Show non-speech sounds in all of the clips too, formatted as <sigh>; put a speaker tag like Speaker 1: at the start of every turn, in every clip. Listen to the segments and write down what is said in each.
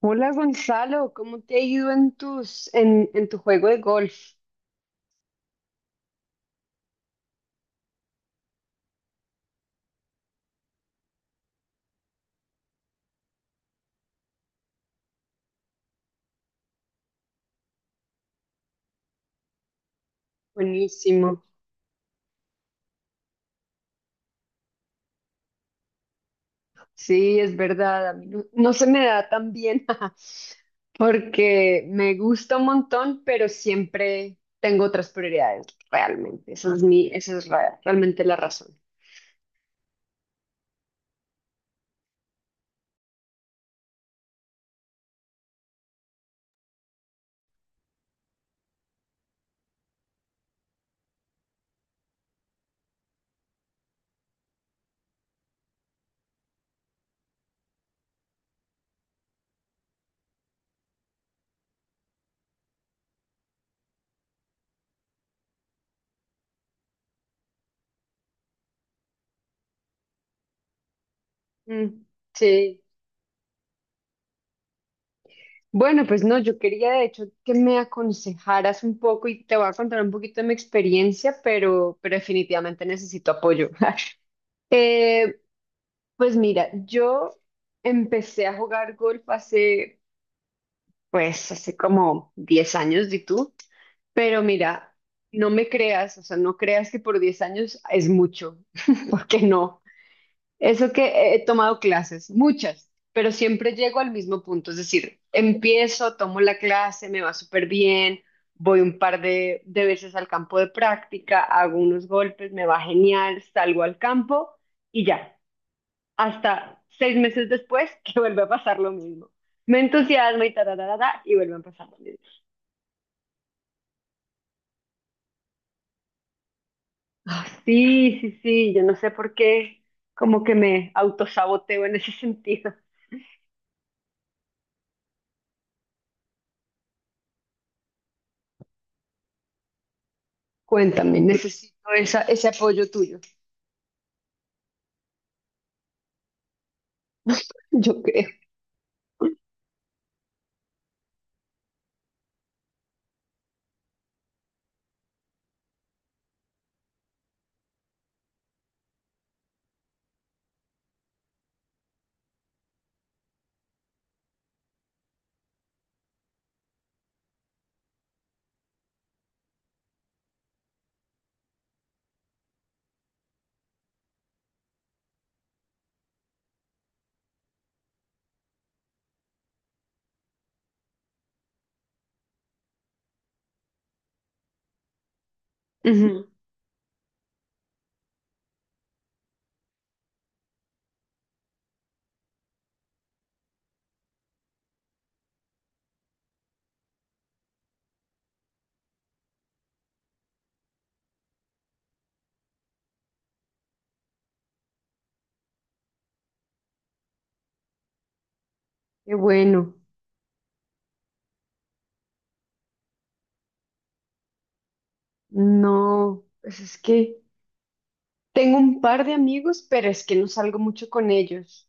Speaker 1: Hola Gonzalo, ¿cómo te ha ido en tu juego de golf? Buenísimo. Sí, es verdad, a mí no se me da tan bien <laughs> porque me gusta un montón, pero siempre tengo otras prioridades, realmente. Esa es realmente la razón. Mm, sí. Bueno, pues no, yo quería de hecho que me aconsejaras un poco y te voy a contar un poquito de mi experiencia, pero definitivamente necesito apoyo. <laughs> Pues mira, yo empecé a jugar golf hace, pues, hace como 10 años, ¿y tú? Pero mira, no me creas, o sea, no creas que por 10 años es mucho, <laughs> porque no. Eso que he tomado clases, muchas, pero siempre llego al mismo punto, es decir, empiezo, tomo la clase, me va súper bien, voy un par de veces al campo de práctica, hago unos golpes, me va genial, salgo al campo y ya hasta 6 meses después <laughs> que vuelve a pasar lo mismo. Me entusiasma y tararara, y vuelve a pasar lo mismo. Ah, sí, sí, sí, yo no sé por qué como que me autosaboteo en ese <laughs> sentido. Cuéntame, necesito ese apoyo tuyo. Yo creo. Ujú. Qué bueno. No, pues es que tengo un par de amigos, pero es que no salgo mucho con ellos.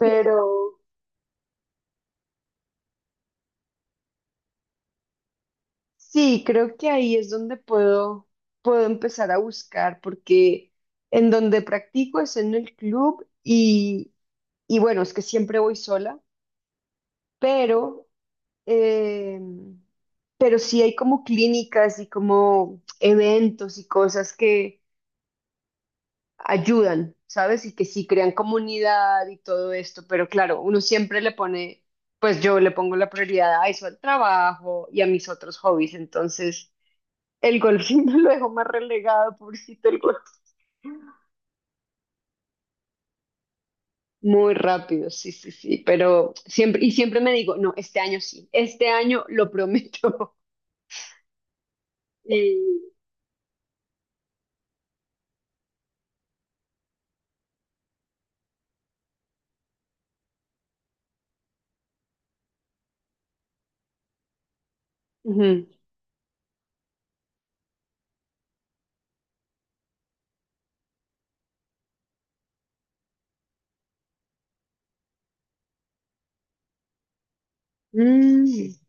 Speaker 1: Pero sí, creo que ahí es donde puedo empezar a buscar, porque en donde practico es en el club y bueno, es que siempre voy sola, pero, eh, pero sí hay como clínicas y como eventos y cosas que ayudan, ¿sabes? Y que sí crean comunidad y todo esto, pero claro, uno siempre le pone, pues yo le pongo la prioridad a eso, al trabajo y a mis otros hobbies, entonces... El golfito <laughs> lo dejó más relegado, pobrecito el golf. Muy rápido, sí, sí, sí, pero siempre, y siempre me digo, no, este año sí, este año lo prometo. <laughs> Y, ujú. Mm, sí.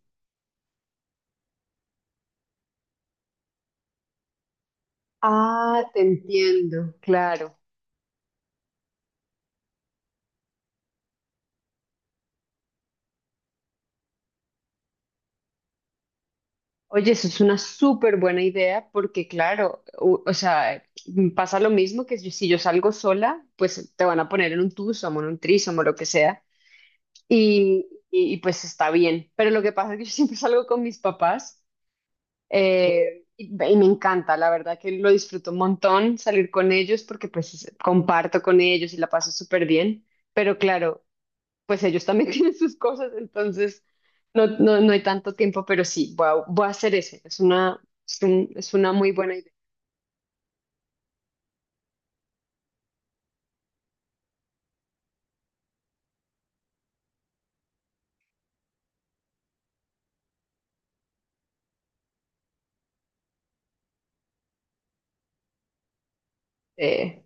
Speaker 1: Ah, te entiendo, claro. Oye, eso es una súper buena idea porque, claro, sea, mm, pasa lo mismo que si yo salgo sola, pues te van a poner en un twosome, en un threesome o lo que sea, y pues está bien. Pero lo que pasa es que yo siempre salgo con mis papás. Y me encanta, la verdad que lo disfruto un montón salir con ellos porque comparto con ellos y la paso súper bien, pero claro, pues ellos también <laughs> tienen sus cosas, entonces no hay tanto tiempo, pero sí, voy a hacer es una muy buena idea. Eh,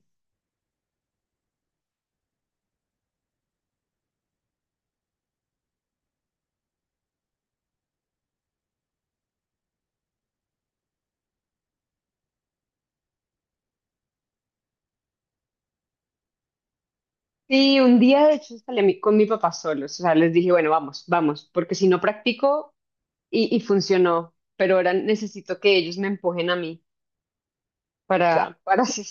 Speaker 1: sí, un día de hecho con mi papá solos, o sea, les dije, bueno, vamos, vamos, porque si no practico y funcionó, pero ahora necesito que ellos me empujen a mí para, claro, para <laughs> hacer.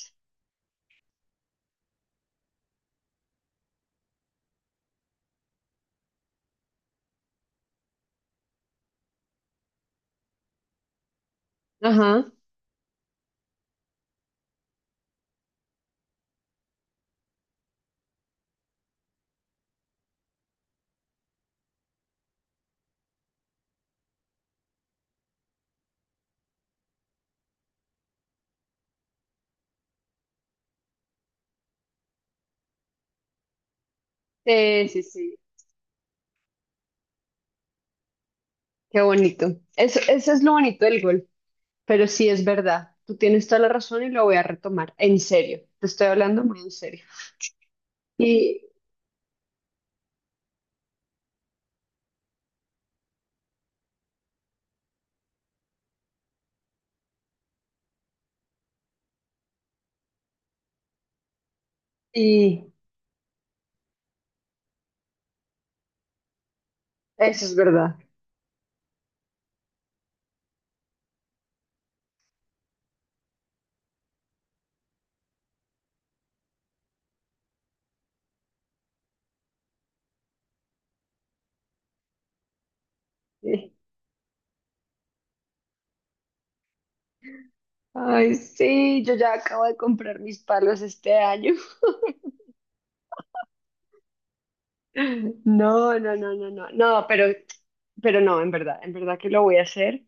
Speaker 1: Ajá. Sí, sí, sí, qué bonito. Eso es lo bonito del golf, pero sí es verdad. Tú tienes toda la razón y lo voy a retomar. En serio, te estoy hablando muy en serio. Y, y eso es verdad. Sí. Ay, sí, yo ya acabo de comprar mis palos este año. <laughs> No, no, no, no, no, no, pero no, en verdad que lo voy a hacer.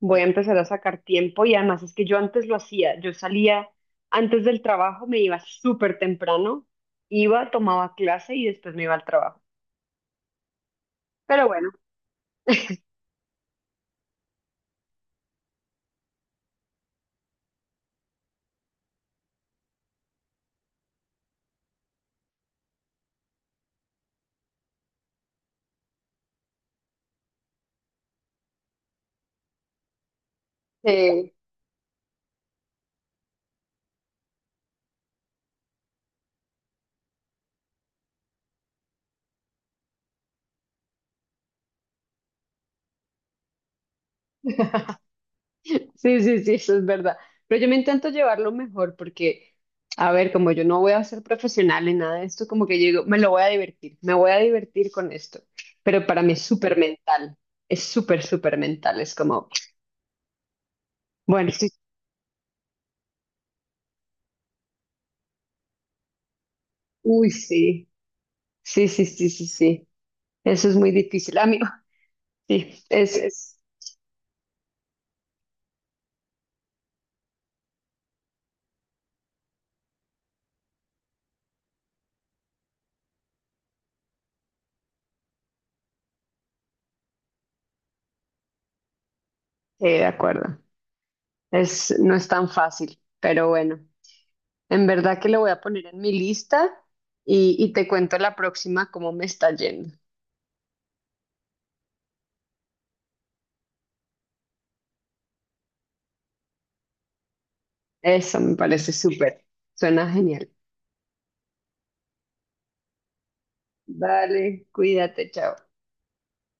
Speaker 1: Voy a empezar a sacar tiempo y además es que yo antes lo hacía, yo salía antes del trabajo, me iba súper temprano, iba, tomaba clase y después me iba al trabajo. Pero bueno, eh, sí, sí, sí, eso es verdad. Pero yo me intento llevarlo mejor porque, a ver, como yo no voy a ser profesional en nada de esto, como que yo digo, me voy a divertir con esto. Pero para mí es súper mental, es súper, súper mental, es como, bueno, sí, uy, sí, sí, sí, sí, sí, sí. Eso es muy difícil. A mí, Sí, es, es- sí, de acuerdo. Es, no es tan fácil, pero bueno, en verdad que lo voy a poner en mi lista y te cuento la próxima cómo me está yendo. Eso me parece súper, suena genial. Vale, cuídate, chao.